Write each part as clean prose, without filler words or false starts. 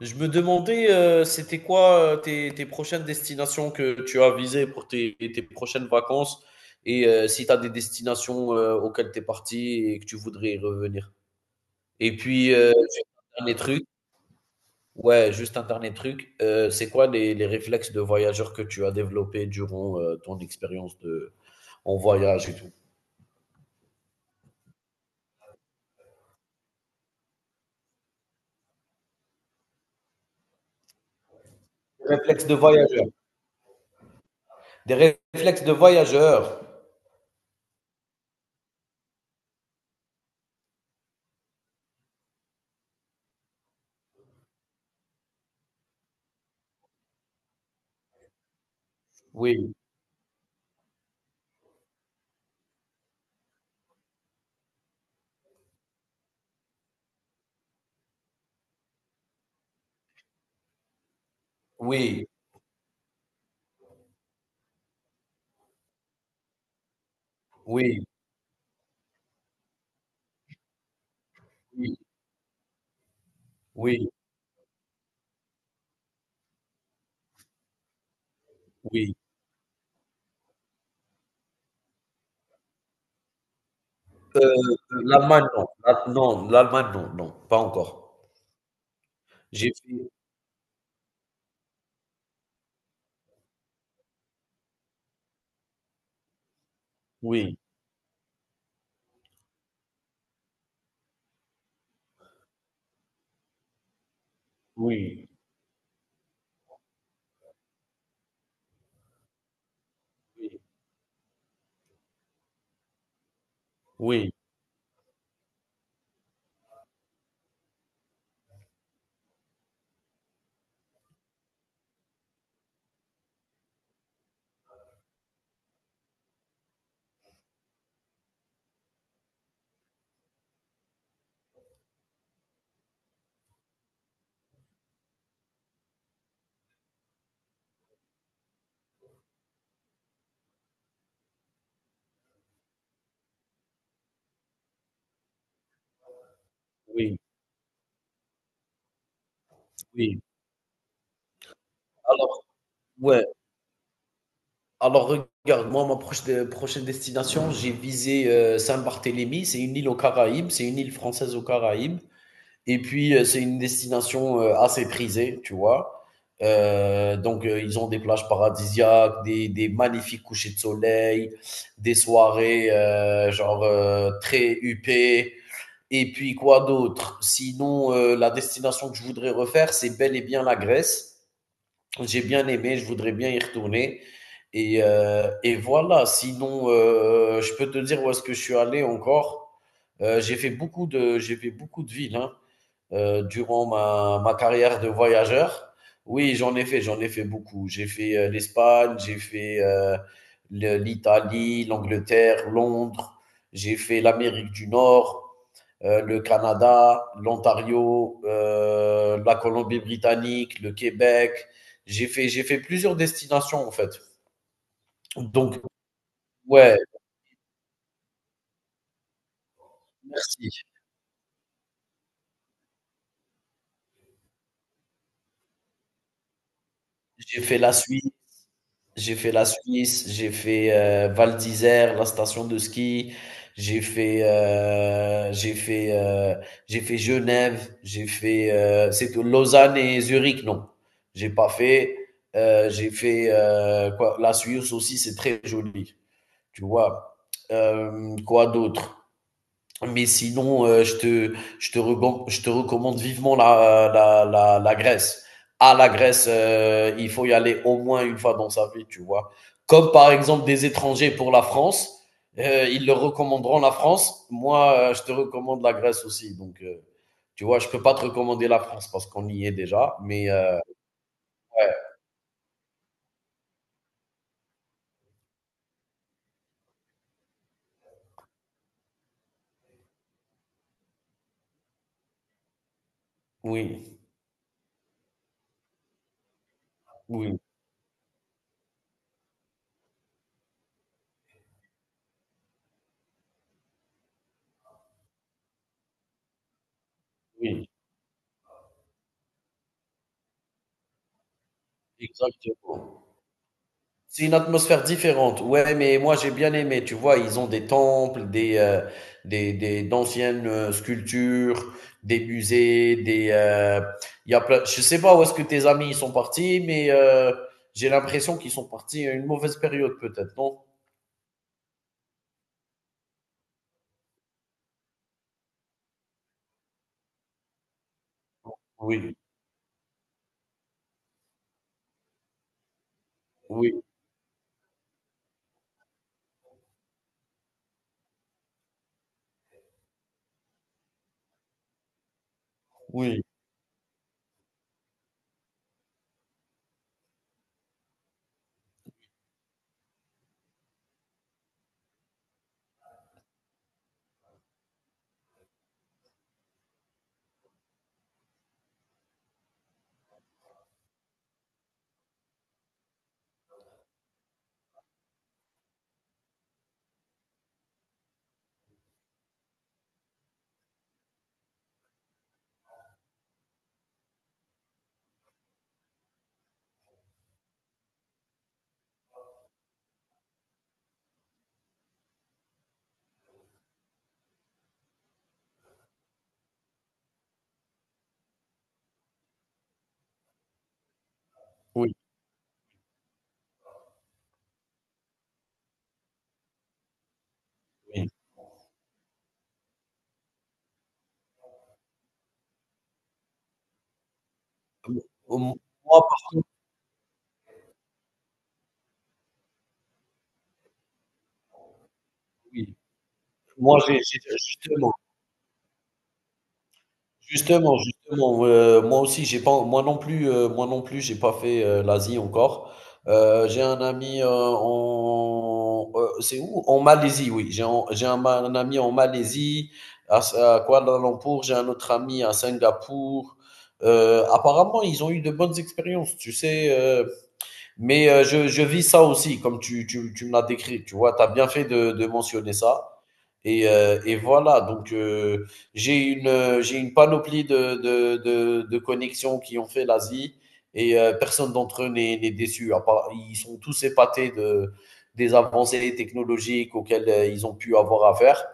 Je me demandais, c'était quoi tes prochaines destinations que tu as visées pour tes prochaines vacances et si tu as des destinations auxquelles tu es parti et que tu voudrais y revenir. Et puis, un dernier truc, ouais, juste un dernier truc, c'est quoi les réflexes de voyageur que tu as développés durant ton expérience de, en voyage et tout? Des réflexes de voyageur. Réflexes de voyageur. Oui, oui, oui, oui, oui, oui. Heu, L'Allemagne, non. La non, L'Allemagne, non, non, pas encore. J'ai fait Oui, oui, oui, oui, oui, oui. Alors ouais, alors regarde, moi, ma proche de prochaine destination, j'ai visé, Saint-Barthélemy. C'est une île aux Caraïbes, c'est une île française aux Caraïbes, et puis, c'est une destination, assez prisée, tu vois? Donc ils ont des plages paradisiaques, des magnifiques couchers de soleil, des soirées, genre, très huppées. Et puis quoi d'autre? Sinon, la destination que je voudrais refaire, c'est bel et bien la Grèce. J'ai bien aimé, je voudrais bien y retourner. Et voilà, sinon, je peux te dire où est-ce que je suis allé encore. J'ai fait beaucoup de villes hein, durant ma carrière de voyageur. Oui, j'en ai fait beaucoup. J'ai fait l'Espagne, j'ai fait l'Italie, l'Angleterre, Londres, j'ai fait l'Amérique du Nord, le Canada, l'Ontario, la Colombie-Britannique, le Québec. J'ai fait plusieurs destinations en fait. Donc, ouais, merci. J'ai fait la Suisse, j'ai fait la Suisse, j'ai fait Val d'Isère, la station de ski. J'ai fait, euh, j'ai fait, euh, j'ai fait Genève, j'ai fait, c'est tout, Lausanne et Zurich, non, j'ai pas fait. J'ai fait quoi, la Suisse aussi, c'est très joli. Tu vois? Quoi d'autre? Mais sinon, je te recommande vivement la Grèce. À la Grèce, il faut y aller au moins une fois dans sa vie, tu vois. Comme par exemple des étrangers pour la France, ils leur recommanderont la France. Moi, je te recommande la Grèce aussi. Donc, tu vois, je peux pas te recommander la France parce qu'on y est déjà. Mais ouais, oui, oui, oui, exactement. C'est une atmosphère différente. Ouais, mais moi j'ai bien aimé. Tu vois, ils ont des temples, des d'anciennes sculptures, des musées, des. Il y a plein. Je sais pas où est-ce que tes amis ils sont partis, mais j'ai l'impression qu'ils sont partis à une mauvaise période peut-être, non? Oui, oui, oui, oui, oui. Moi par contre, oui. Moi j'ai justement Justement, moi aussi, j'ai pas moi non plus, moi non plus, j'ai pas fait, l'Asie encore. J'ai un ami, c'est où? En Malaisie, oui, j'ai un ami en Malaisie, à Kuala Lumpur, j'ai un autre ami à Singapour. Apparemment, ils ont eu de bonnes expériences, tu sais, heu mais je vis ça aussi, comme tu me l'as décrit. Tu vois, tu as bien fait de mentionner ça. Et voilà, donc j'ai une panoplie de connexions qui ont fait l'Asie et personne d'entre eux n'est déçu. À part, ils sont tous épatés de, des avancées technologiques auxquelles ils ont pu avoir affaire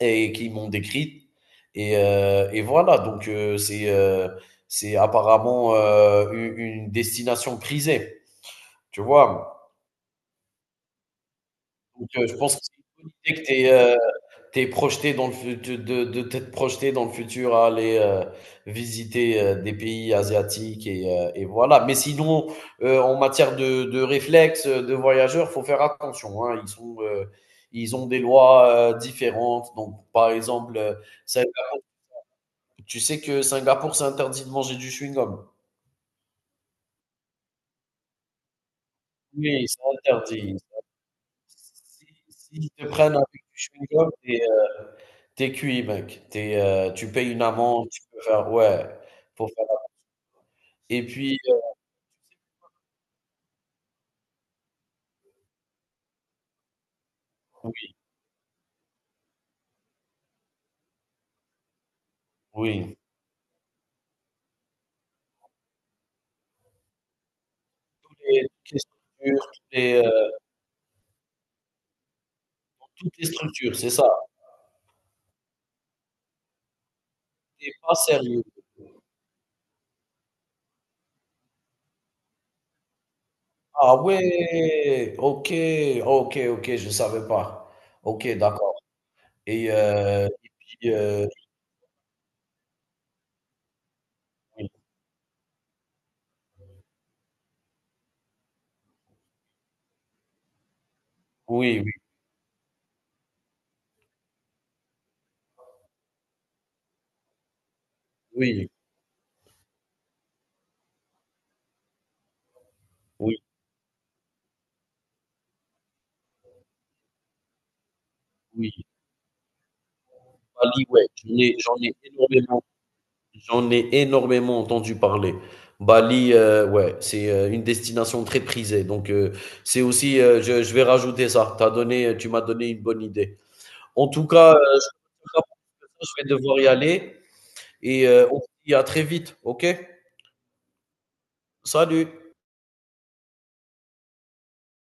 et qui m'ont décrite. Et voilà, donc c'est apparemment une destination prisée, tu vois. Donc, je pense que c'est une bonne idée que tu aies, projeté dans le fut de t'être projeté dans le futur à aller, visiter, des pays asiatiques et voilà. Mais sinon, en matière de réflexes, de voyageurs, faut faire attention, hein. Ils sont, ils ont des lois, différentes. Donc par exemple, Singa tu sais que Singapour, c'est interdit de manger du chewing-gum? Oui, c'est interdit. S S'ils te prennent avec du chewing-gum, t'es cuit, mec. Tu payes une amende, tu peux faire ouais, pour faire et puis, oui, oui, toutes les structures, toutes les structures, c'est ça. T'es pas sérieux. Ah ouais! OK, OK, OK, je savais pas. OK, d'accord. et heu et puis, heu, oui, oui, oui, oui, oui, oui. Bali, ouais, j'en ai énormément, j'en ai énormément entendu parler. Bali, ouais, c'est une destination très prisée. Donc, c'est aussi, je vais rajouter ça. T'as donné, tu m'as donné une bonne idée. En tout cas, je je vais devoir y aller et on se dit à très vite. OK? Salut.